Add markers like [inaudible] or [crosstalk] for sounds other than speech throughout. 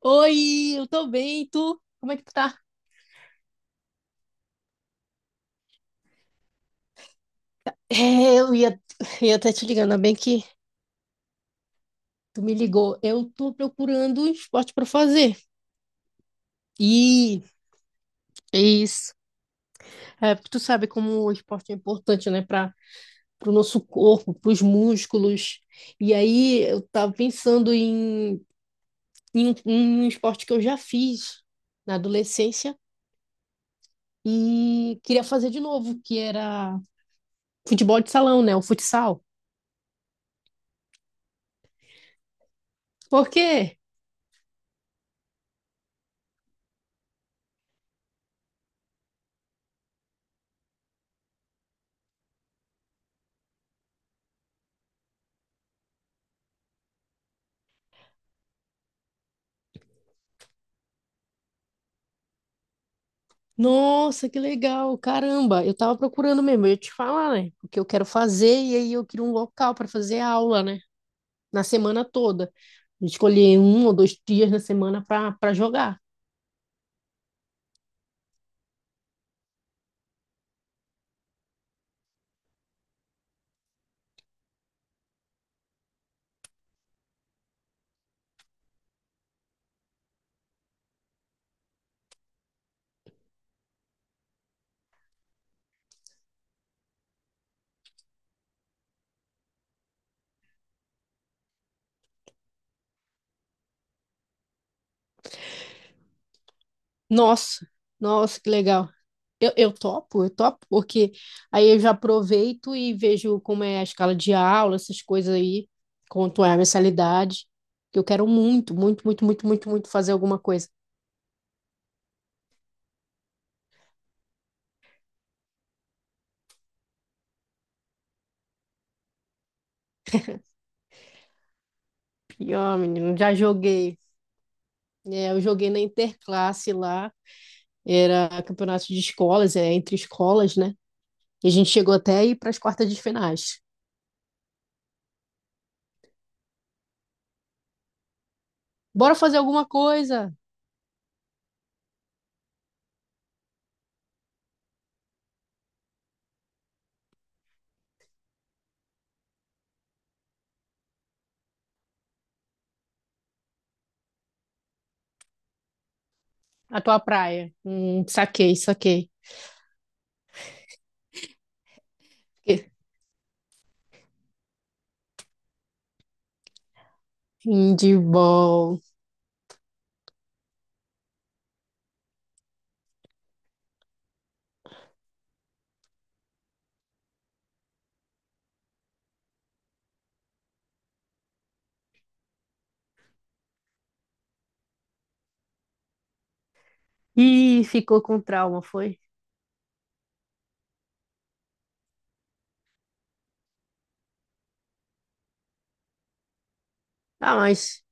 Oi, eu tô bem, e tu? Como é que tu tá? É, eu ia, ia até te ligando, ainda bem que tu me ligou. Eu tô procurando um esporte pra fazer. E é isso. É, porque tu sabe como o esporte é importante, né, para pro nosso corpo, pros músculos. E aí eu tava em um esporte que eu já fiz na adolescência e queria fazer de novo, que era futebol de salão, né, o futsal. Por quê? Nossa, que legal! Caramba, eu tava procurando mesmo, eu ia te falar, né? O que eu quero fazer, e aí eu queria um local para fazer aula, né? Na semana toda. Escolher um ou dois dias na semana para jogar. Nossa, nossa, que legal. Eu topo, eu topo, porque aí eu já aproveito e vejo como é a escala de aula, essas coisas aí, quanto é a mensalidade. Que eu quero muito, muito, muito, muito, muito, muito fazer alguma coisa. E, ó, menino, já joguei. É, eu joguei na interclasse lá. Era campeonato de escolas, é entre escolas, né? E a gente chegou até a ir para as quartas de finais. Bora fazer alguma coisa na tua praia. Saquei, saquei. Handball. Ih, ficou com trauma, foi? Ah, mas.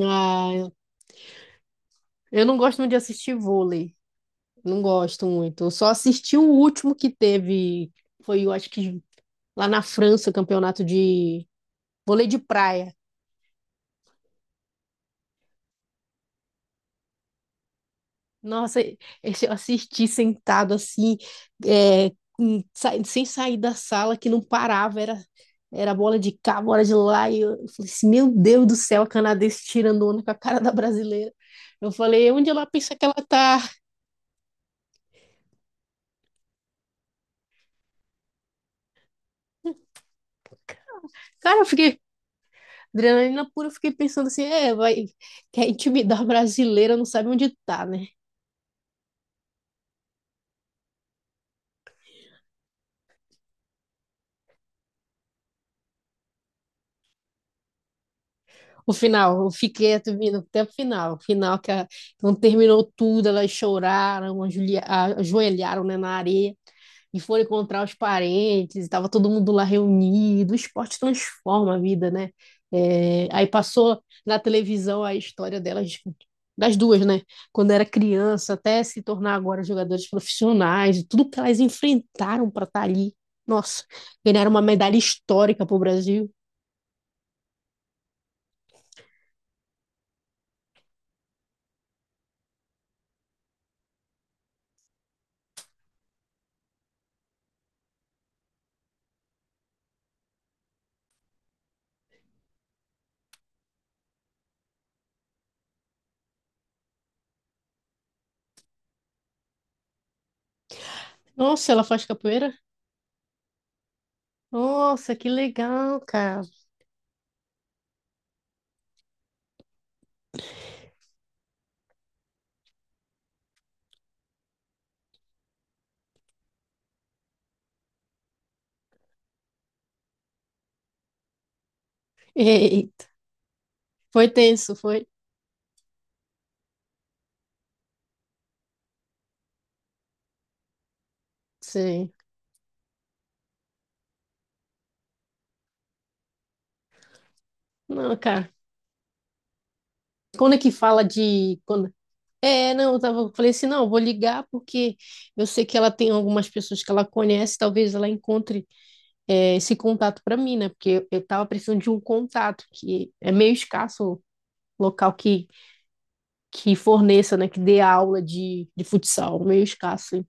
Ah, eu não gosto muito de assistir vôlei. Não gosto muito. Eu só assisti o último que teve. Foi, eu acho que lá na França, o campeonato de vôlei de praia. Nossa, eu assisti sentado assim, sem sair da sala, que não parava, era bola de cá, bola de lá, e eu falei assim, meu Deus do céu, a canadense tirando onda com a cara da brasileira. Eu falei, onde ela pensa que ela tá? Cara, eu fiquei, adrenalina pura, eu fiquei pensando assim, é, vai, quer intimidar a brasileira, não sabe onde tá, né? O final, eu fiquei atendendo até o final quando terminou tudo, elas choraram, ajoelharam, né, na areia. E foram encontrar os parentes, e tava todo mundo lá reunido. O esporte transforma a vida, né? É, aí passou na televisão a história delas, das duas, né? Quando era criança, até se tornar agora jogadoras profissionais, tudo que elas enfrentaram para estar ali. Nossa, ganharam uma medalha histórica para o Brasil. Nossa, ela faz capoeira? Nossa, que legal, cara. [laughs] Eita, foi tenso, foi. Sim. Não, cara. Quando é que fala de quando é, não, eu tava, eu falei assim, não, eu vou ligar porque eu sei que ela tem algumas pessoas que ela conhece, talvez ela encontre é, esse contato para mim, né? Porque eu tava precisando de um contato que é meio escasso, o local que forneça, né, que dê aula de futsal, meio escasso.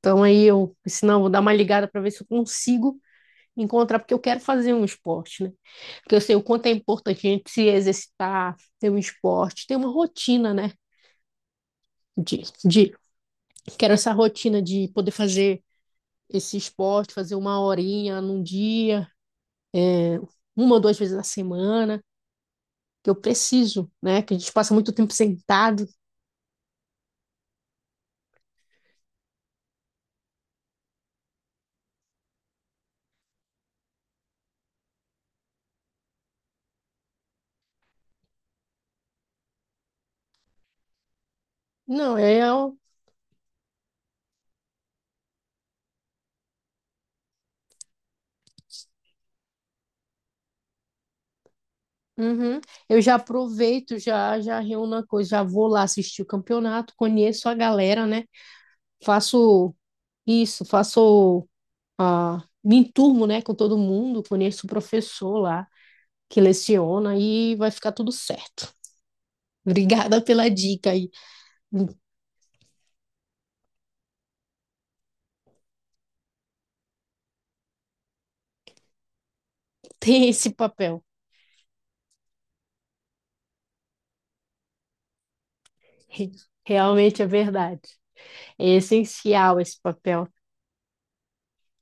Então aí eu, se não, vou dar uma ligada para ver se eu consigo encontrar porque eu quero fazer um esporte, né? Porque eu sei o quanto é importante a gente se exercitar, ter um esporte, ter uma rotina, né? De, de Quero essa rotina de poder fazer esse esporte, fazer uma horinha num dia, é, uma ou duas vezes na semana, que eu preciso, né? Que a gente passa muito tempo sentado. Não, eu. Uhum. Eu já aproveito, já já reúno a coisa, já vou lá assistir o campeonato, conheço a galera, né? Faço isso, faço a me enturmo, né, com todo mundo, conheço o professor lá que leciona e vai ficar tudo certo. [laughs] Obrigada pela dica aí. Tem esse papel. [laughs] Realmente é verdade. É essencial esse papel.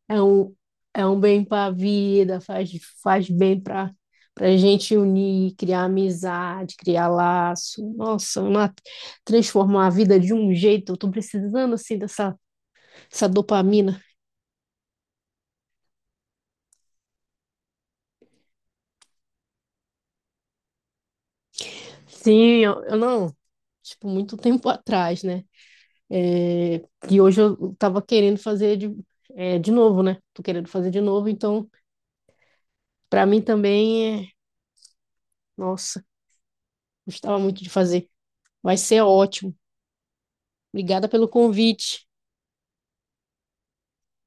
É um, é um bem para a vida, faz bem para a gente unir, criar amizade, criar laço. Transformar a vida de um jeito. Eu tô precisando assim dessa essa dopamina. Sim, eu não, tipo, muito tempo atrás, né? É, e hoje eu tava querendo é, de novo, né? Tô querendo fazer de novo, então para mim também é, nossa. Gostava muito de fazer. Vai ser ótimo. Obrigada pelo convite.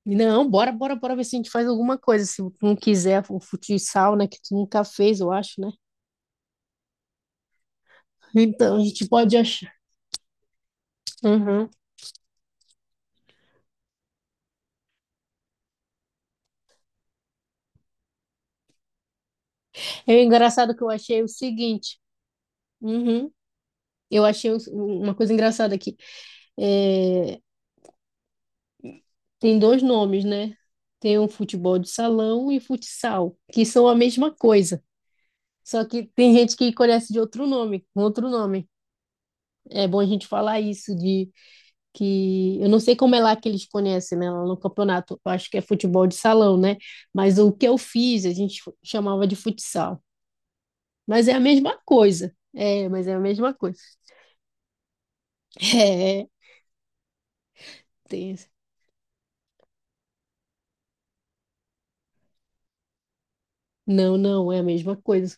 Não, bora, bora, bora ver se a gente faz alguma coisa. Se tu não quiser o futsal, né? Que tu nunca fez, eu acho, né? Então, a gente pode achar. Uhum. É engraçado que eu achei o seguinte. Uhum. Eu uma coisa engraçada aqui. É, tem dois nomes, né? Tem o futebol de salão e futsal, que são a mesma coisa. Só que tem gente que conhece de outro nome, com outro nome. É bom a gente falar isso de que eu não sei como é lá que eles conhecem, né, lá no campeonato, eu acho que é futebol de salão, né? Mas o que eu fiz, a gente chamava de futsal. Mas é a mesma coisa. É, mas é a mesma coisa. [laughs] É, tem. Não, não, é a mesma coisa.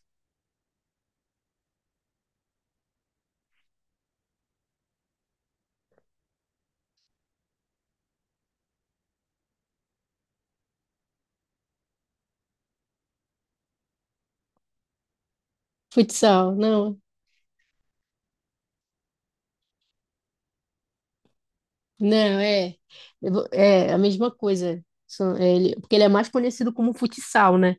Futsal, não, é. É a mesma coisa. Porque ele é mais conhecido como futsal, né?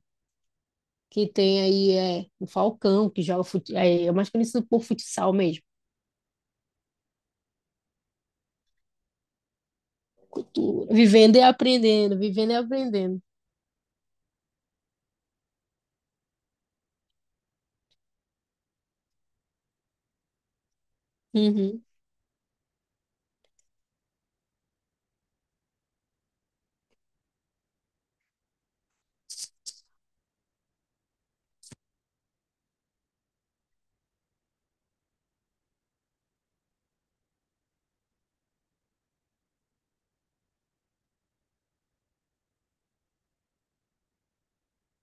Que tem aí é, o Falcão, que joga futsal. É, é mais conhecido por futsal mesmo. Cultura. Vivendo e aprendendo, vivendo e aprendendo. Uhum.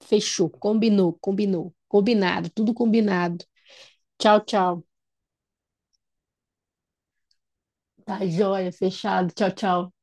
Fechou, combinou, combinou, combinado, tudo combinado. Tchau, tchau. Tá joia, fechado. Tchau, tchau.